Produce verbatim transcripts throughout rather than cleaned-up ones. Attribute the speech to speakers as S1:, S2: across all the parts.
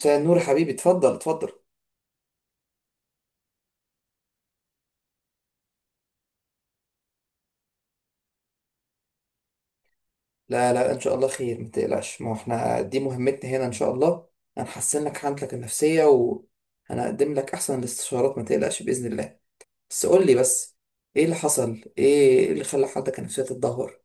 S1: مساء النور يا حبيبي، اتفضل اتفضل. لا لا، ان شاء الله خير، ما تقلقش. ما هو احنا دي مهمتنا هنا ان شاء الله. هنحسن لك حالتك النفسية وهنقدم لك احسن الاستشارات، ما تقلقش باذن الله. بس قول لي بس ايه اللي حصل. ايه إيه اللي خلى حالتك النفسية تتدهور؟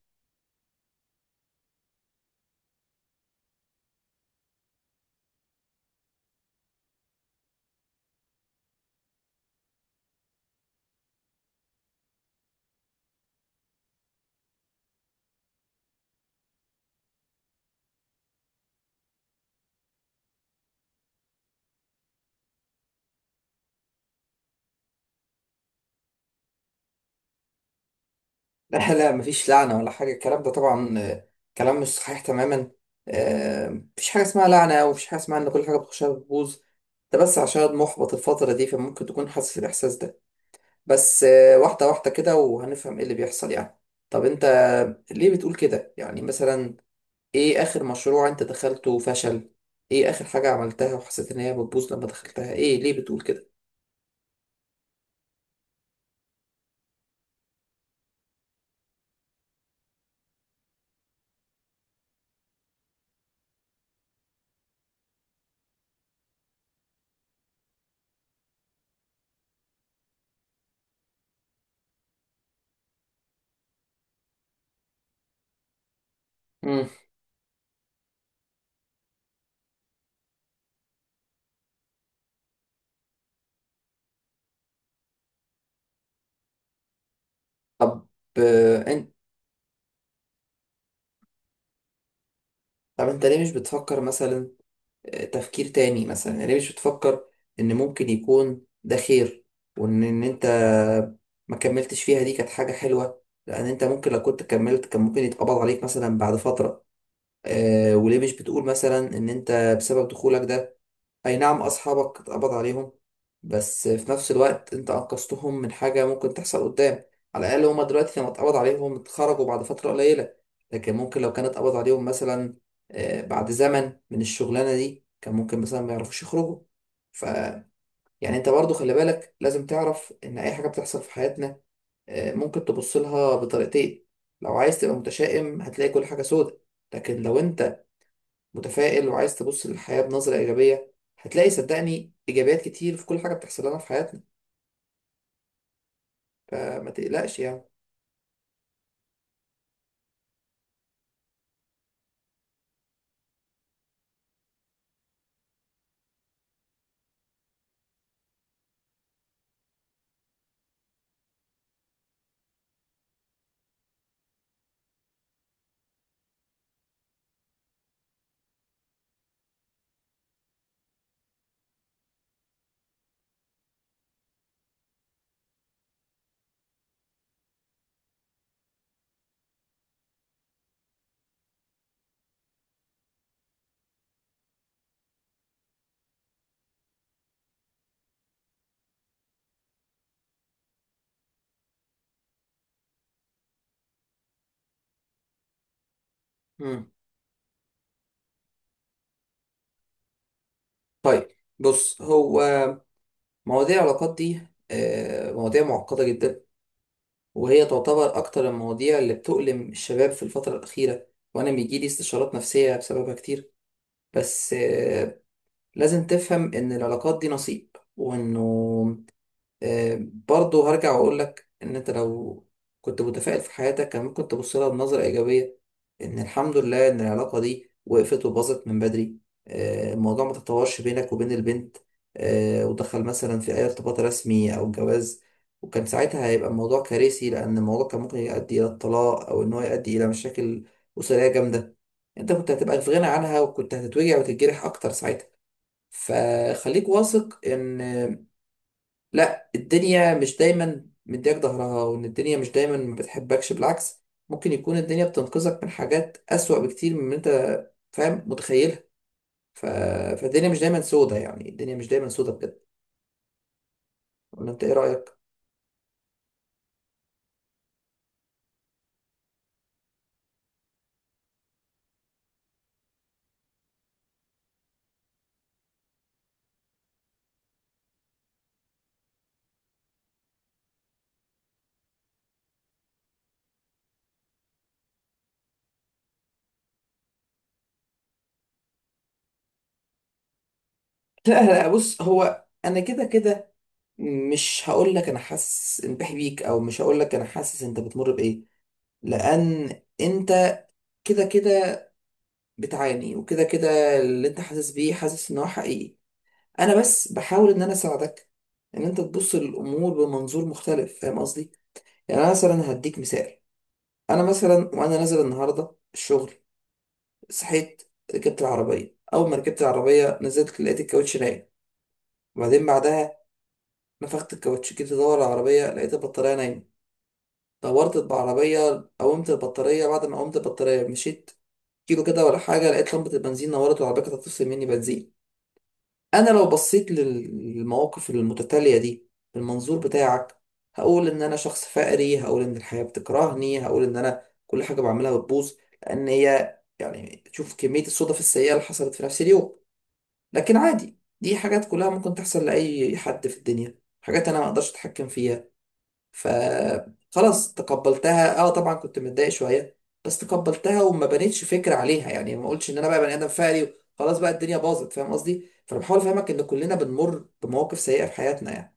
S1: لا لا، مفيش لعنة ولا حاجة. الكلام ده طبعا آه، كلام مش صحيح تماما. آه، مفيش حاجة اسمها لعنة، ومفيش حاجة اسمها ان كل حاجة بتخشها بتبوظ. ده بس عشان محبط الفترة دي، فممكن تكون حاسس الإحساس ده. بس آه، واحدة واحدة كده وهنفهم ايه اللي بيحصل يعني. طب انت ليه بتقول كده يعني؟ مثلا ايه اخر مشروع انت دخلته وفشل؟ ايه اخر حاجة عملتها وحسيت ان هي بتبوظ لما دخلتها؟ ايه ليه بتقول كده؟ مم. طب آه، انت طب انت ليه مش بتفكر مثلا آه، تفكير تاني؟ مثلا يعني ليه مش بتفكر ان ممكن يكون ده خير، وان ان انت ما كملتش فيها؟ دي كانت حاجة حلوة، لان انت ممكن لو كنت كملت كان ممكن يتقبض عليك مثلا بعد فترة. آه وليه مش بتقول مثلا ان انت بسبب دخولك ده، اي نعم اصحابك اتقبض عليهم، بس في نفس الوقت انت انقذتهم من حاجة ممكن تحصل قدام؟ على الاقل هما دلوقتي لما اتقبض عليهم اتخرجوا بعد فترة قليلة، لكن ممكن لو كان اتقبض عليهم مثلا آه بعد زمن من الشغلانة دي كان ممكن مثلا ما يعرفوش يخرجوا. ف يعني انت برضو خلي بالك، لازم تعرف ان اي حاجة بتحصل في حياتنا آه ممكن تبص لها بطريقتين. لو عايز تبقى متشائم هتلاقي كل حاجة سودة، لكن لو انت متفائل وعايز تبص للحياة بنظرة إيجابية هتلاقي صدقني إيجابيات كتير في كل حاجة بتحصل لنا في حياتنا. فما تقلقش يعني. مم. طيب، بص هو مواضيع العلاقات دي آه، مواضيع معقدة جدا، وهي تعتبر أكتر المواضيع اللي بتؤلم الشباب في الفترة الأخيرة، وأنا بيجيلي استشارات نفسية بسببها كتير. بس آه، لازم تفهم إن العلاقات دي نصيب. وإنه برضه هرجع واقول لك ان انت لو كنت متفائل في حياتك كان ممكن تبص لها بنظرة ايجابية. ان الحمد لله ان العلاقة دي وقفت وباظت من بدري، آه، الموضوع ما تطورش بينك وبين البنت، آه، ودخل مثلا في اي ارتباط رسمي او جواز. وكان ساعتها هيبقى الموضوع كارثي، لان الموضوع كان ممكن يؤدي الى الطلاق او ان هو يؤدي الى مشاكل اسرية جامدة. انت كنت هتبقى في غنى عنها، وكنت هتتوجع وتتجرح اكتر ساعتها. فخليك واثق ان لا، الدنيا مش دايما مديك ظهرها، وان الدنيا مش دايما ما بتحبكش. بالعكس، ممكن يكون الدنيا بتنقذك من حاجات اسوأ بكتير من ما انت فاهم متخيلها. ف... فالدنيا مش دايما سودة يعني، الدنيا مش دايما سودة بجد. ولا انت ايه رأيك؟ لا لا، بص هو انا كده كده مش هقول لك انا حاسس ان بحبيك بيك، او مش هقول لك انا حاسس انت بتمر بايه، لان انت كده كده بتعاني، وكده كده اللي انت حاسس بيه حاسس ان هو حقيقي. انا بس بحاول ان انا اساعدك ان انت تبص للامور بمنظور مختلف، فاهم قصدي؟ يعني انا مثلا هديك مثال. انا مثلا وانا نازل النهارده الشغل، صحيت، ركبت العربيه، اول ما ركبت العربيه نزلت لقيت الكاوتش نايم. وبعدين بعدها نفخت الكاوتش، جيت ادور على العربيه لقيت البطاريه نايمه. دورت بعربيه قومت البطاريه، بعد ما قومت البطاريه مشيت كيلو كده ولا حاجه لقيت لمبه البنزين نورت والعربيه كانت هتفصل مني بنزين. انا لو بصيت لل- للمواقف المتتالية دي بالمنظور بتاعك هقول ان انا شخص فقري، هقول ان الحياة بتكرهني، هقول ان انا كل حاجة بعملها بتبوظ، لان هي يعني شوف كمية الصدف السيئة اللي حصلت في نفس اليوم. لكن عادي، دي حاجات كلها ممكن تحصل لأي حد في الدنيا، حاجات انا ما اقدرش اتحكم فيها. فخلاص تقبلتها، اه طبعا كنت متضايق شويه، بس تقبلتها وما بنيتش فكره عليها يعني. ما قلتش ان انا بقى بني ادم فقري، خلاص بقى الدنيا باظت. فاهم قصدي؟ فانا بحاول افهمك ان كلنا بنمر بمواقف سيئه في حياتنا يعني.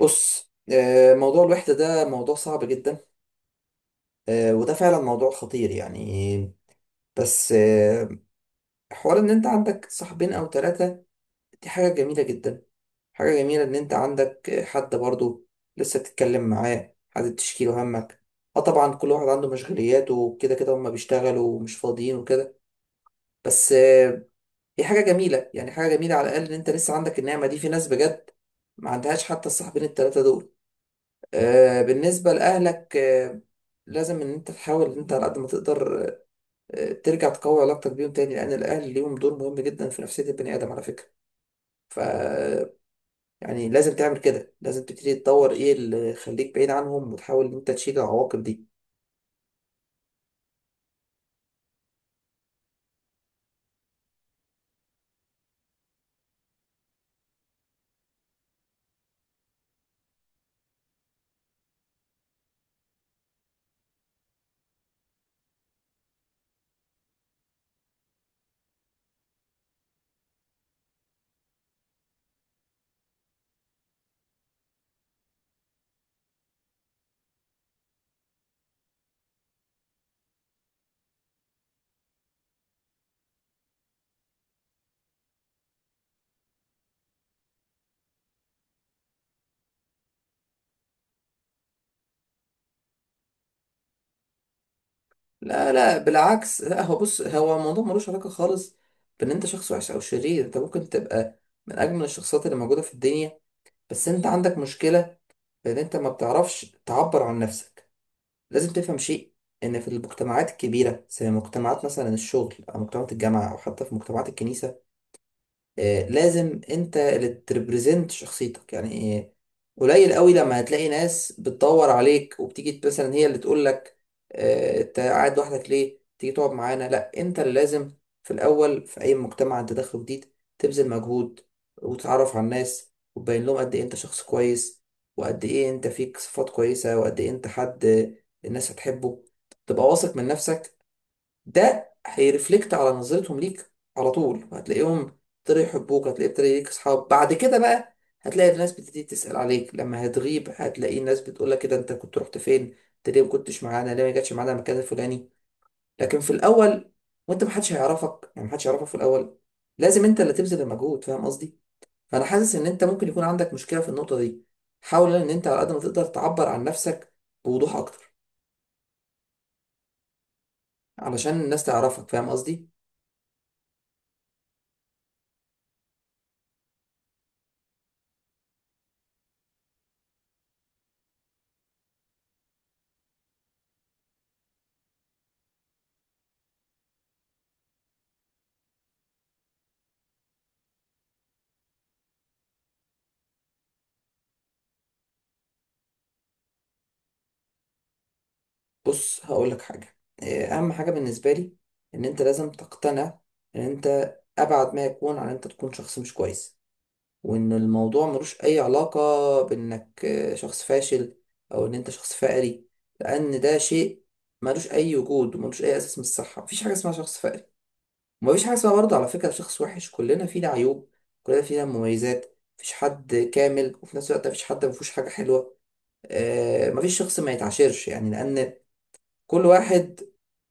S1: بص آه، موضوع الوحده ده موضوع صعب جدا، آه، وده فعلا موضوع خطير يعني. بس آه، حوار ان انت عندك صاحبين او ثلاثه دي حاجه جميله جدا. حاجة جميلة إن أنت عندك حد برضه لسه بتتكلم معاه، حد تشكيله همك. اه طبعا كل واحد عنده مشغوليات، وكده كده هما بيشتغلوا ومش فاضيين وكده. بس آه، هي حاجة جميلة يعني، حاجة جميلة على الأقل إن أنت لسه عندك النعمة دي، في ناس بجد ما عندهاش حتى الصاحبين التلاتة دول. آه، بالنسبة لأهلك، آه، لازم إن أنت تحاول إن أنت على قد ما تقدر آه، ترجع تقوي علاقتك بيهم تاني، لأن الأهل ليهم دور مهم جدا في نفسية البني آدم على فكرة. ف يعني لازم تعمل كده، لازم تبتدي تطور ايه اللي يخليك بعيد عنهم، وتحاول ان انت تشيل العواقب دي. لا لا، بالعكس. لا هو بص، هو الموضوع ملوش علاقة خالص بان انت شخص وحش او شرير. انت ممكن تبقى من اجمل الشخصيات اللي موجودة في الدنيا، بس انت عندك مشكلة بان انت ما بتعرفش تعبر عن نفسك. لازم تفهم شيء، ان في المجتمعات الكبيرة زي مجتمعات مثلا الشغل، او مجتمعات الجامعة، او حتى في مجتمعات الكنيسة، آه، لازم انت اللي تريبريزنت شخصيتك يعني. آه، قليل قوي لما هتلاقي ناس بتدور عليك وبتيجي مثلا هي اللي تقول لك آه، انت قاعد لوحدك ليه، تيجي تقعد معانا. لا، انت اللي لازم في الاول، في اي مجتمع انت داخله جديد، تبذل مجهود وتتعرف على الناس وتبين لهم قد ايه انت شخص كويس، وقد ايه انت فيك صفات كويسة، وقد ايه انت حد آه، الناس هتحبه. تبقى واثق من نفسك، ده هيرفلكت على نظرتهم ليك على طول. هتلاقيهم ابتدوا يحبوك، هتلاقي ابتدى ليك اصحاب بعد كده بقى، هتلاقي الناس بتبتدي تسأل عليك لما هتغيب، هتلاقي الناس بتقول لك كده انت كنت رحت فين، انت ليه ما كنتش معانا، ليه ما جاتش معانا المكان الفلاني. لكن في الاول وانت محدش هيعرفك، يعني محدش هيعرفك في الاول، لازم انت اللي تبذل المجهود، فاهم قصدي؟ فانا حاسس ان انت ممكن يكون عندك مشكلة في النقطة دي. حاول ان انت على قد ما تقدر تعبر عن نفسك بوضوح اكتر علشان الناس تعرفك، فاهم قصدي؟ بص هقول لك حاجة، إيه، أهم حاجة بالنسبة لي إن أنت لازم تقتنع إن أنت أبعد ما يكون عن أنت تكون شخص مش كويس، وإن الموضوع ملوش أي علاقة بإنك آه، شخص فاشل، أو إن أنت شخص فقري. لأن ده شيء ملوش أي وجود وملوش أي أساس من الصحة. مفيش حاجة اسمها شخص فقري، ومفيش حاجة اسمها برضه على فكرة شخص وحش. كلنا فينا عيوب، كلنا فينا مميزات. مفيش حد كامل، وفي نفس الوقت مفيش حد مفيهوش حاجة حلوة. آه، مفيش شخص ما يتعاشرش يعني، لأن كل واحد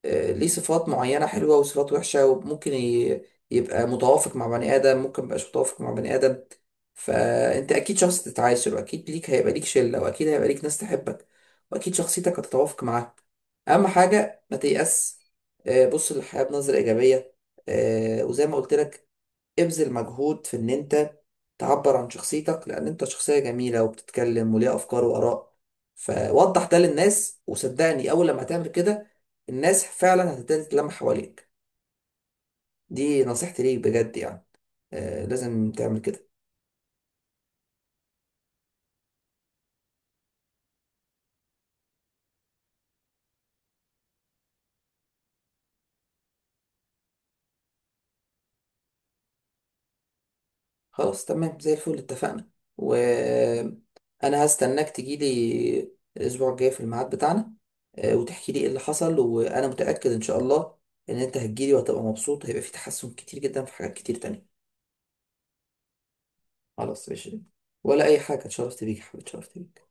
S1: آه، ليه صفات معينة حلوة وصفات وحشة، وممكن ي- يبقى متوافق مع بني آدم، ممكن ميبقاش متوافق مع بني آدم. فأنت أكيد شخص تتعاشر، وأكيد ليك هيبقى ليك شلة، وأكيد هيبقى ليك ناس تحبك، وأكيد شخصيتك هتتوافق معاها. أهم حاجة ما تيأس، آه، بص للحياة بنظرة إيجابية. آه، وزي ما قلت لك، ابذل مجهود في ان انت تعبر عن شخصيتك، لان انت شخصية جميلة وبتتكلم وليها افكار واراء. فوضح ده للناس، وصدقني اول لما هتعمل كده الناس فعلا هتبتدي تتلم حواليك. دي نصيحتي ليك بجد يعني، آه لازم تعمل كده. خلاص تمام، زي الفل، اتفقنا. وانا هستناك تجيلي الاسبوع الجاي في الميعاد بتاعنا، آه، وتحكي لي ايه اللي حصل. وانا متأكد ان شاء الله ان انت هتجيلي وهتبقى مبسوط، هيبقى في تحسن كتير جدا في حاجات كتير تانية. خلاص ماشي، ولا أي حاجة، اتشرفت بيك يا حبيبي، اتشرفت بيك.